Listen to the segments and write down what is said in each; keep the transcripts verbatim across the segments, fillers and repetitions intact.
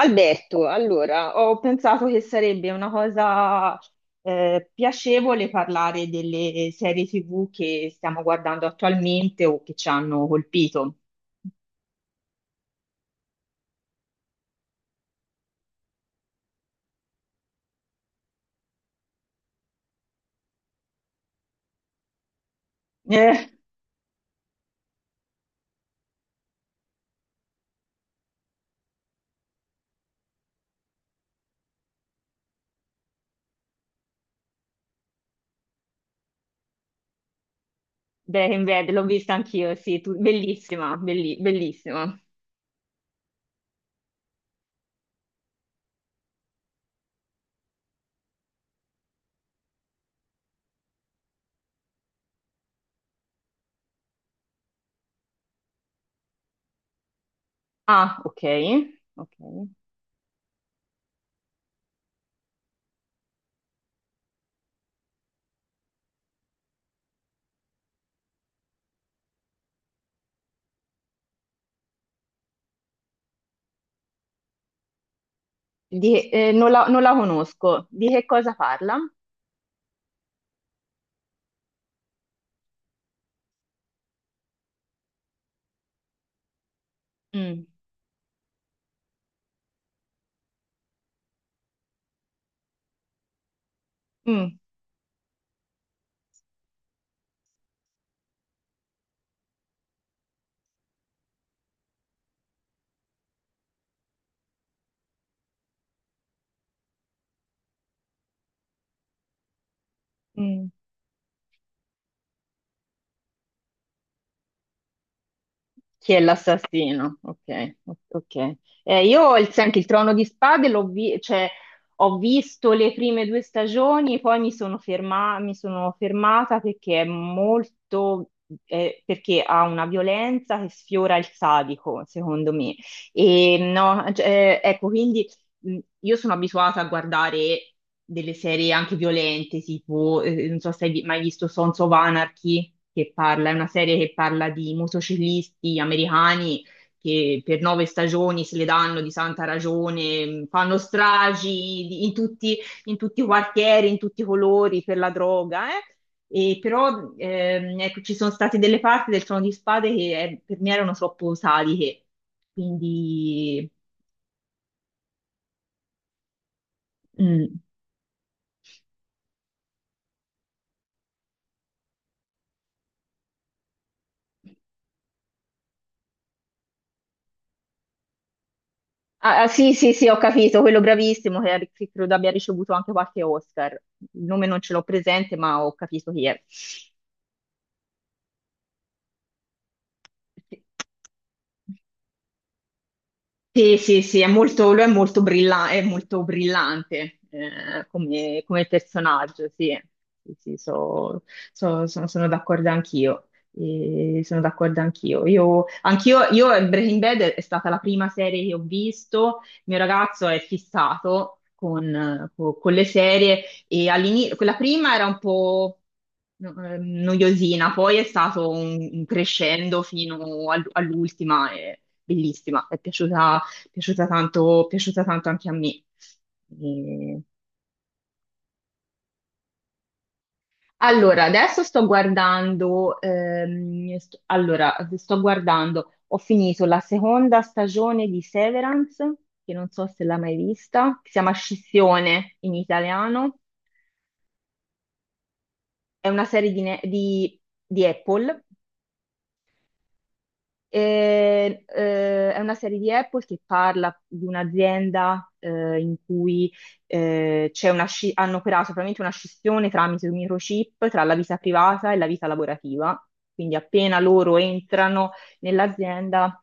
Alberto, allora, ho pensato che sarebbe una cosa eh, piacevole parlare delle serie ti vu che stiamo guardando attualmente o che ci hanno colpito. Eh, Breaking Bad, l'ho vista anch'io, sì, tu- bellissima, belli- bellissima. Ah, ok, ok. Di- eh, non la, non la conosco. Di che cosa parla? Mm, mm, mm. Chi è l'assassino? Ok, ok. Eh, io il- senti, il Trono di Spade l'ho vi- cioè, ho visto le prime due stagioni, poi mi sono ferma- mi sono fermata perché è molto, eh, perché ha una violenza che sfiora il sadico, secondo me. E no, cioè, eh, ecco, quindi mh, io sono abituata a guardare delle serie anche violente, tipo, eh, non so se hai vi- mai visto Sons of Anarchy, che parla, è una serie che parla di motociclisti americani che per nove stagioni se le danno di santa ragione, mh, fanno stragi di- in tutti, in tutti i quartieri, in tutti i colori per la droga, eh. E però ehm, ecco, ci sono state delle parti del Trono di Spade che eh, per me erano troppo saliche, quindi... Mm. Ah, ah, sì, sì, sì, ho capito, quello bravissimo che ha- che credo abbia ricevuto anche qualche Oscar. Il nome non ce l'ho presente, ma ho capito chi è. Sì. Sì, sì, sì, è molto, lui è molto, brilla- è molto brillante eh, come, come personaggio, sì, sì, sì, so- so- sono sono d'accordo anch'io. E sono d'accordo anch'io. Io, anch'io, io eh, Breaking Bad è stata la prima serie che ho visto, il mio ragazzo è fissato con, eh, co- con le serie e all'inizio, quella prima era un po' no- eh, noiosina, poi è stato un, un crescendo fino all- all'ultima. E bellissima, è piaciuta piaciuta tanto, piaciuta tanto anche a me. E- Allora, adesso sto guardando, ehm, st- allora, sto guardando, ho finito la seconda stagione di Severance, che non so se l'hai mai vista, che si chiama Scissione in italiano, è una serie di, ne- di di Apple. E, eh, è una serie di Apple che parla di un'azienda eh, in cui eh, c'è una sci- hanno operato probabilmente una scissione tramite un microchip tra la vita privata e la vita lavorativa. Quindi appena loro entrano nell'azienda.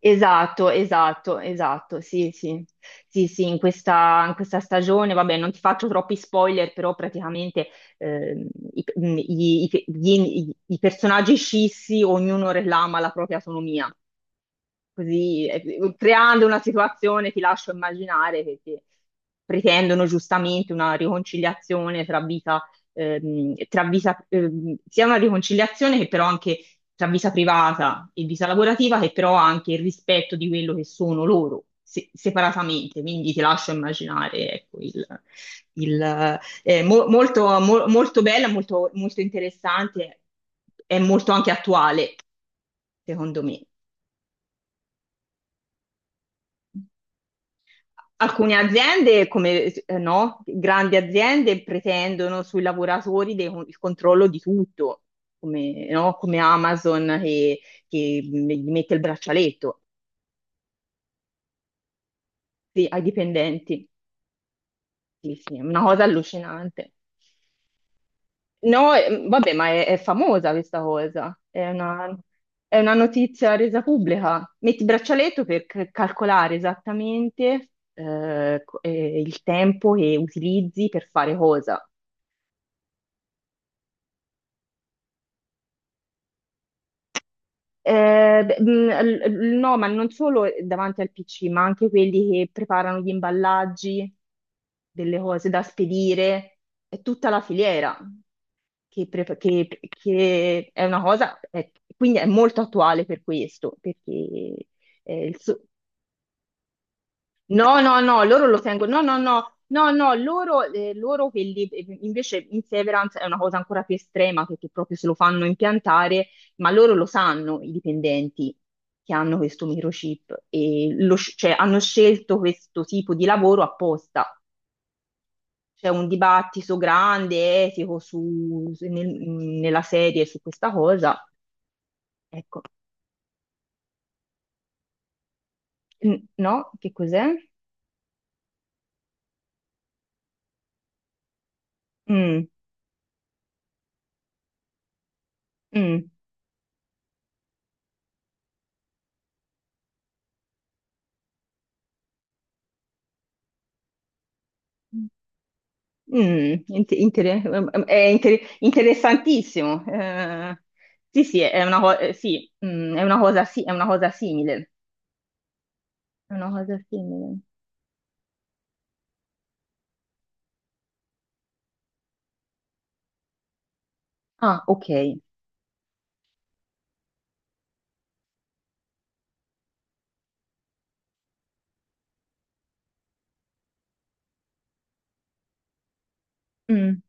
Esatto, esatto, esatto, sì, sì, sì, sì, in questa, in questa stagione, vabbè, non ti faccio troppi spoiler, però praticamente ehm, i, mh, i- i- gli- i personaggi scissi, ognuno reclama la propria autonomia. Così, eh, creando una situazione, ti lascio immaginare, che, che pretendono giustamente una riconciliazione tra vita, ehm, tra vita, ehm, sia una riconciliazione che però anche tra vita privata e vita lavorativa, che però ha anche il rispetto di quello che sono loro. Se- separatamente, quindi ti lascio immaginare, ecco, il, il, eh, mo- molto, mo- molto bella, molto, molto interessante, è molto anche attuale, secondo me. Alcune aziende, come eh, no, grandi aziende, pretendono sui lavoratori dei- il controllo di tutto, come, no, come Amazon che, che mm, gli mette il braccialetto sì, ai dipendenti. Sì, sì, è una cosa allucinante. No, eh, vabbè, ma è, è famosa questa cosa, è una, è una notizia resa pubblica. Metti il braccialetto per c- calcolare esattamente eh, co- eh, il tempo che utilizzi per fare cosa. Eh, beh, mh, l- l- no, ma non solo davanti al pi ci, ma anche quelli che preparano gli imballaggi delle cose da spedire, è tutta la filiera che, pre- che- che è una cosa, è quindi è molto attuale per questo, perché eh, il so- no, no, no, loro lo tengono, no, no, no, no, no, loro, eh, loro quelli, eh, invece in Severance è una cosa ancora più estrema perché proprio se lo fanno impiantare, ma loro lo sanno, i dipendenti che hanno questo microchip e lo sc- cioè, hanno scelto questo tipo di lavoro apposta. C'è un dibattito grande, etico, su, su- nel- nella serie su questa cosa. Ecco, mm, no, che cos'è? Mm, mm. Mm, int- inter- è inter- Interessantissimo. Eh, sì, sì, è una, co- eh, sì, mm, è una cosa, si- è una cosa simile. È una cosa simile. Ah, ok. Mm,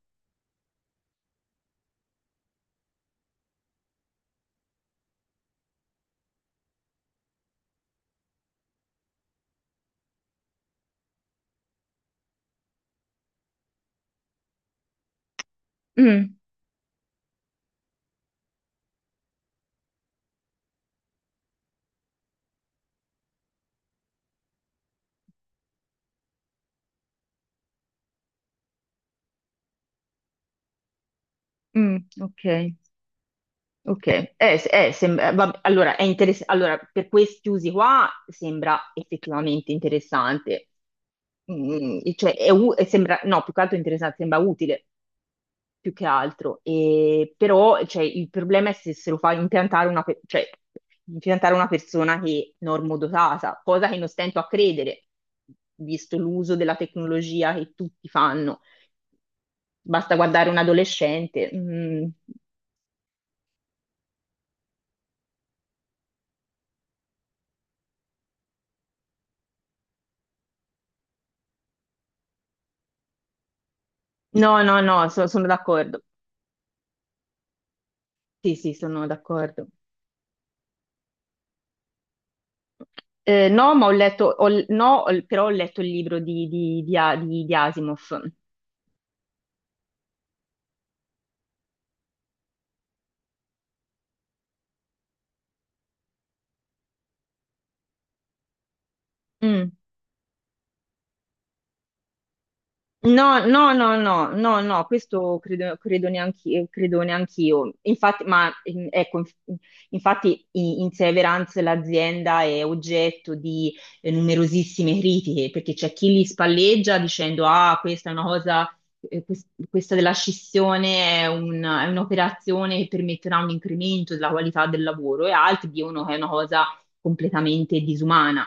mm, mm, ok. Ok. Eh, se- eh, sembra- eh, vabbè, allora, è interess- allora, per questi usi qua sembra effettivamente interessante. Mm, cioè, è u- sembra, no, più che altro interessante, sembra utile. Più che altro. E, però cioè, il problema è se, se lo fa impiantare una, pe- cioè, impiantare una persona che è normodotata, cosa che non stento a credere, visto l'uso della tecnologia che tutti fanno. Basta guardare un adolescente. Mm. No, no, no, so- sono d'accordo. Sì, sì, sono d'accordo. Eh, no, ma ho letto, ho- no, ho- però ho letto il libro di, di, di, A- di- di Asimov. Mm. No, no, no, no, no, no, questo credo, credo neanch'io, credo neanch'io. Infatti, ma mm, ecco, inf- infatti i- in Severance l'azienda è oggetto di eh, numerosissime critiche, perché c'è chi li spalleggia dicendo, ah, questa è una cosa, eh, quest- questa della scissione è un- è un'operazione che permetterà un incremento della qualità del lavoro, e altri dicono che è una cosa completamente disumana.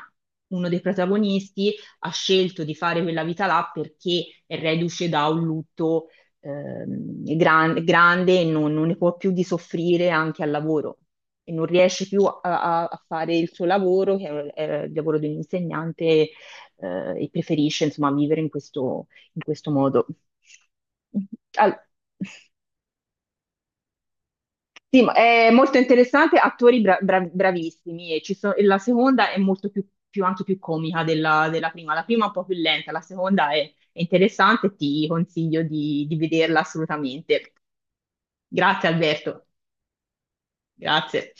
Uno dei protagonisti ha scelto di fare quella vita là perché è reduce da un lutto ehm, gran- grande e non, non ne può più di soffrire anche al lavoro e non riesce più a, a- a fare il suo lavoro, che è, è il lavoro di un insegnante, eh, e preferisce insomma vivere in questo, in questo modo. Al- sì, ma è molto interessante, attori bra- bra- bravissimi. E ci so- e la seconda è molto più, più- anche più comica della, della prima. La prima è un po' più lenta, la seconda è, è interessante, ti consiglio di, di vederla assolutamente. Grazie Alberto, grazie.